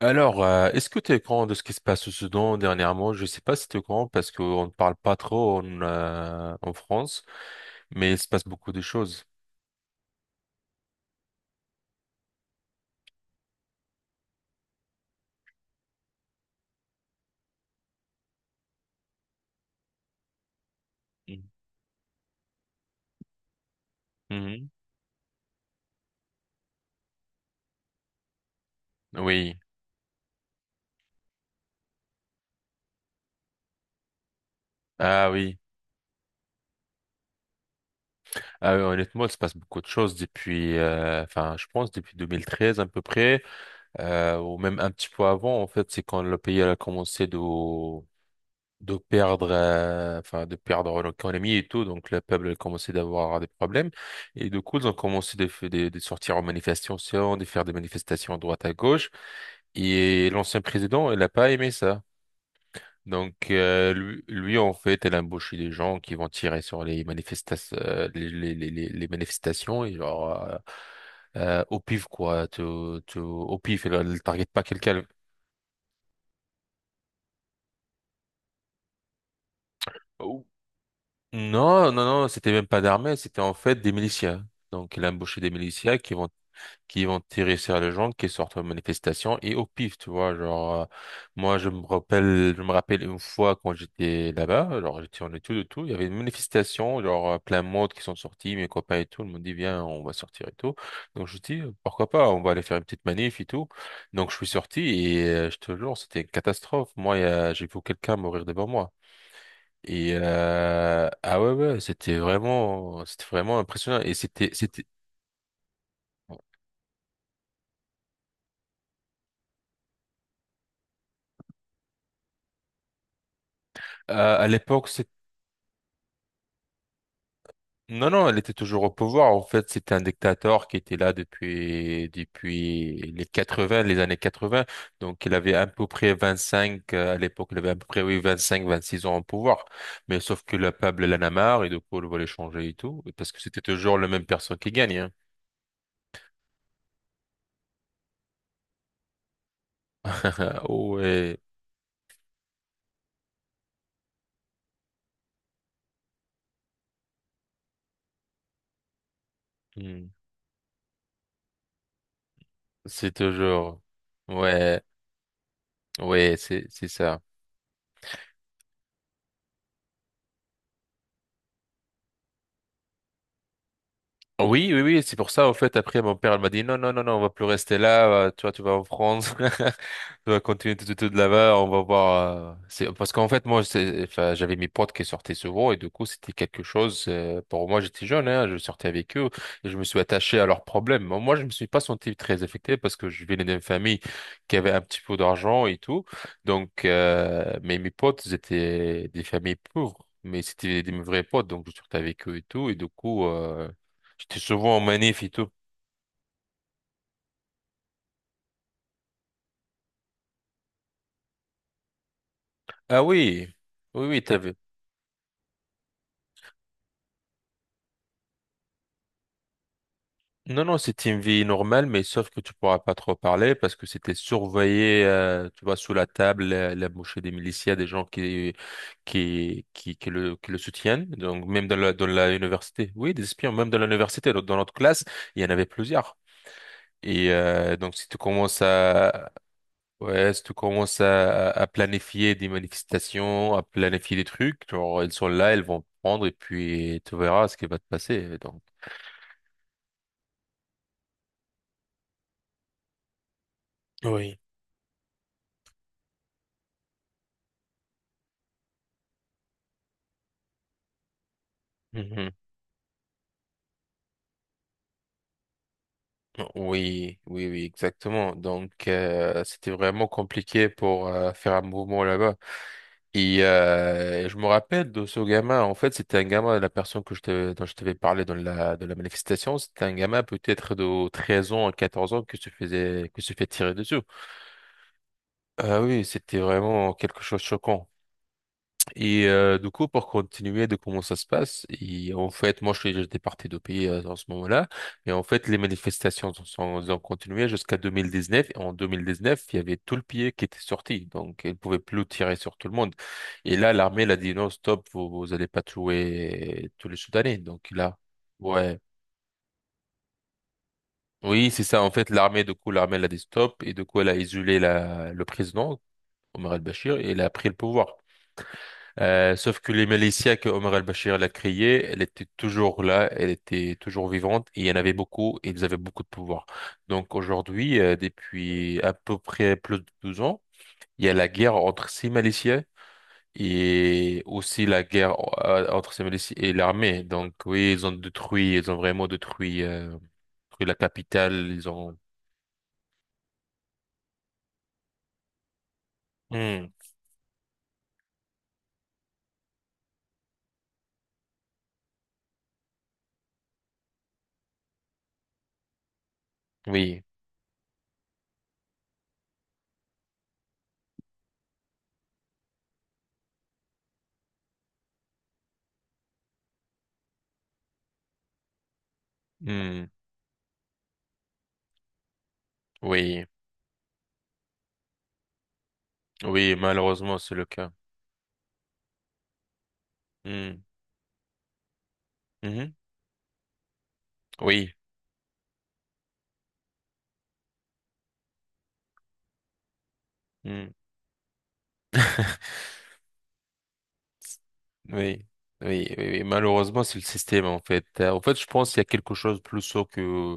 Alors, est-ce que tu es au courant de ce qui se passe au Soudan dernièrement? Je sais pas si tu es au courant parce qu'on ne parle pas trop en France, mais il se passe beaucoup de choses. Mhm. Mhm. Oui. Ah oui. Ah oui, honnêtement, il se passe beaucoup de choses enfin, je pense depuis 2013 à peu près, ou même un petit peu avant. En fait, c'est quand le pays elle a commencé de perdre, enfin, de perdre l'économie et tout. Donc, le peuple a commencé d'avoir des problèmes. Et du coup, ils ont commencé de sortir en manifestation, de faire des manifestations à droite à gauche. Et l'ancien président, il n'a pas aimé ça. Donc, lui, en fait, elle a embauché des gens qui vont tirer sur les manifestations, les manifestations et genre, au pif, quoi, au pif, elle ne target pas quelqu'un. Non, non, non, c'était même pas d'armée, c'était en fait des miliciens. Donc, il a embauché des miliciens qui vont tirer sur les gens qui sortent aux manifestations et au pif, tu vois. Genre, moi, je me rappelle une fois quand j'étais là-bas, genre, j'étais en études et tout, il y avait une manifestation, genre, plein de monde qui sont sortis, mes copains et tout, ils m'ont dit, viens, on va sortir et tout. Donc, je dis, pourquoi pas, on va aller faire une petite manif et tout. Donc, je suis sorti et je te jure, c'était une catastrophe. Moi, j'ai vu quelqu'un mourir devant moi. Ah ouais, ouais, c'était vraiment impressionnant. Et c'était c'était à l'époque, c'est non, non, elle était toujours au pouvoir en fait. C'était un dictateur qui était là depuis les années quatre-vingts. Donc il avait à peu près 25, à l'époque, il avait à peu près, oui, 25, 26 ans au pouvoir. Mais sauf que le peuple l'en a marre et du coup, il voulait changer et tout parce que c'était toujours la même personne qui gagne, hein. Oh ouais. Hmm. C'est toujours. Ouais. Ouais, c'est ça. Oui, oui, oui, c'est pour ça, en fait, après, mon père, il m'a dit, non, non, non, non, on va plus rester là, tu vois, tu vas en France, tu vas continuer tout, tout, tout de là-bas, on va voir, parce qu'en fait, enfin, j'avais mes potes qui sortaient souvent, et du coup, c'était quelque chose, pour moi, j'étais jeune, hein, je sortais avec eux, et je me suis attaché à leurs problèmes. Moi, je me suis pas senti très affecté parce que je venais d'une famille qui avait un petit peu d'argent et tout, mais mes potes, ils étaient des familles pauvres. Mais c'était des vrais potes, donc je sortais avec eux et tout. Et du coup, j'étais souvent en manif et tout. Ah oui, oui, oui, t'avais. Non, non, c'était une vie normale, mais sauf que tu pourras pas trop parler parce que c'était surveillé, tu vois, sous la table, la mochée des miliciens, des gens qui le soutiennent. Donc, même dans la université. Oui, des espions, même dans l'université, dans notre classe, il y en avait plusieurs. Donc, si tu commences à, ouais, si tu commences à, à planifier des manifestations, à planifier des trucs, genre, elles sont là, elles vont prendre, et puis tu verras ce qui va te passer. Donc, oui. Mhm. Oui, oui, oui, exactement. Donc, c'était vraiment compliqué pour faire un mouvement là-bas. Je me rappelle de ce gamin. En fait, c'était un gamin, la personne dont je t'avais parlé de la manifestation, c'était un gamin peut-être de 13 ans à 14 ans que se fait tirer dessus. Ah oui, c'était vraiment quelque chose de choquant. Du coup, pour continuer de comment ça se passe, et en fait, moi, je suis j'étais parti de pays, en ce moment-là, et en fait, les manifestations ont continué jusqu'à 2019. Et en 2019, il y avait tout le pays qui était sorti, donc ils ne pouvaient plus tirer sur tout le monde. Et là, l'armée elle a dit non, stop, vous allez pas tuer tous les Soudanais. Donc là, ouais, oui, c'est ça. En fait, l'armée, du coup, l'armée elle a dit stop, et du coup, elle a isolé le président Omar al-Bashir et elle a pris le pouvoir. Sauf que les Malaysiens que Omar al-Bashir l'a créée, elle était toujours là, elle était toujours vivante, et il y en avait beaucoup, et ils avaient beaucoup de pouvoir. Donc aujourd'hui, depuis à peu près plus de 12 ans, il y a la guerre entre ces Malaysiens et aussi la guerre, entre ces Malaysiens et l'armée. Donc oui, ils ont vraiment détruit, détruit la capitale, ils ont... Hmm. Oui. Hmm. Oui, oui, malheureusement, c'est le cas. Hmm. Mhm. Oui. Hmm. Oui, oui, oui, oui. Malheureusement, c'est le système, en fait. En fait, je pense qu'il y a quelque chose de plus sourd que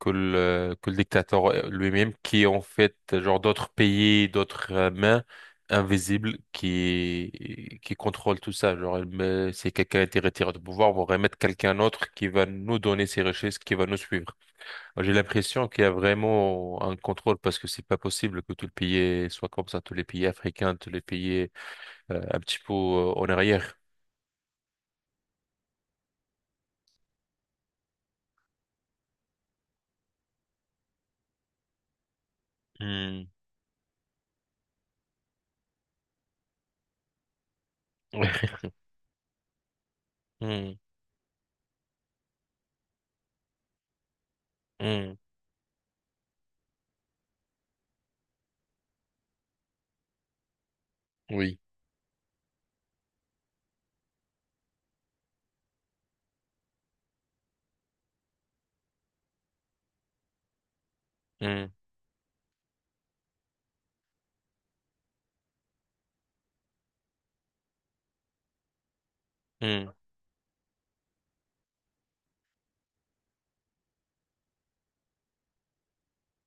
que le dictateur, lui-même, qui est en fait genre d'autres pays, d'autres, mains invisibles qui contrôlent tout ça. Genre, si quelqu'un a été retiré du pouvoir, on va remettre quelqu'un d'autre qui va nous donner ses richesses, qui va nous suivre. J'ai l'impression qu'il y a vraiment un contrôle parce que c'est pas possible que tout le pays soit comme ça, tous les pays africains, tous les pays, un petit peu, en arrière. Hmm. Ouais. Hmm. Hmm. Oui. Hmm. Hmm.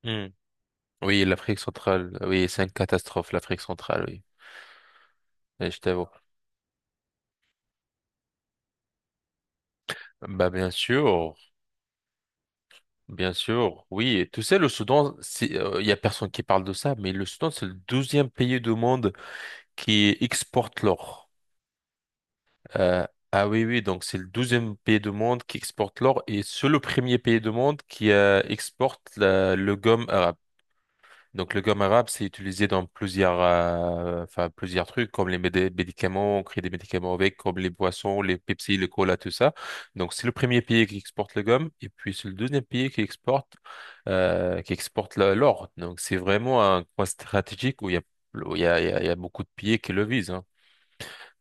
Hmm. Oui, l'Afrique centrale. Oui, c'est une catastrophe, l'Afrique centrale, oui. Et je t'avoue. Bah, bien sûr. Bien sûr. Oui. Et tu sais, le Soudan, il y a personne qui parle de ça, mais le Soudan, c'est le 12e pays du monde qui exporte l'or. Euh, ah oui, oui. Donc, c'est le 12e pays du monde qui exporte l'or et c'est le premier pays du monde qui exporte le gomme arabe. Donc le gomme arabe, c'est utilisé dans enfin, plusieurs trucs, comme les médicaments, on crée des médicaments avec, comme les boissons, les Pepsi, le cola, tout ça. Donc c'est le premier pays qui exporte le gomme, et puis c'est le deuxième pays qui exporte l'or. Donc c'est vraiment un coin stratégique où il y a, où il y a, il y a, il y a beaucoup de pays qui le visent, hein.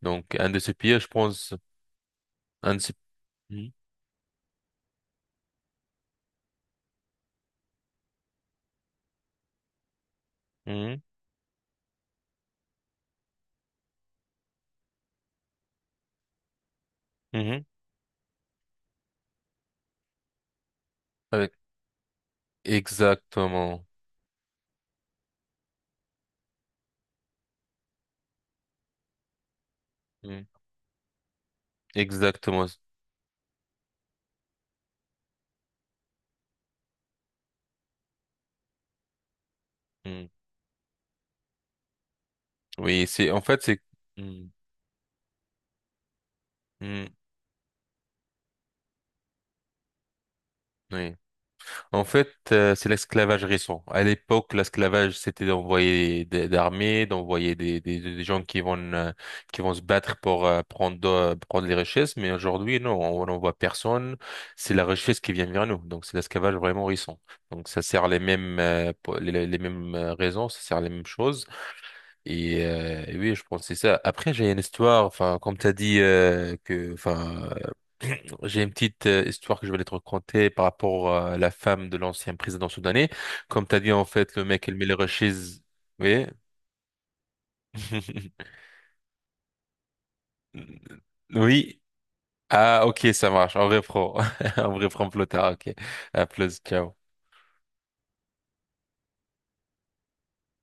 Donc un de ces pays, je pense, un de ces... Mhm, mhm, mhm. Avec- Exactement. Mhm. Exactement. Mhm. Oui, c'est... Mhm, mhm. Oui. En fait, c'est l'esclavage récent. À l'époque, l'esclavage, c'était d'envoyer des armées, d'envoyer des gens qui vont se battre pour prendre les richesses. Mais aujourd'hui, non, on n'envoie personne. C'est la richesse qui vient vers nous. Donc, c'est l'esclavage vraiment récent. Donc, ça sert les mêmes, raisons, ça sert les mêmes choses. Et oui, je pense que c'est ça. Après, j'ai une histoire, enfin, comme tu as dit, j'ai une petite, histoire que je vais te raconter par rapport, à la femme de l'ancien président soudanais. Comme t'as dit, en fait, le mec, il met les rushes. Oui. Oui. Ah, ok, ça marche. En vrai pro. En vrai pro plus tard. Ok. À plus. Ciao.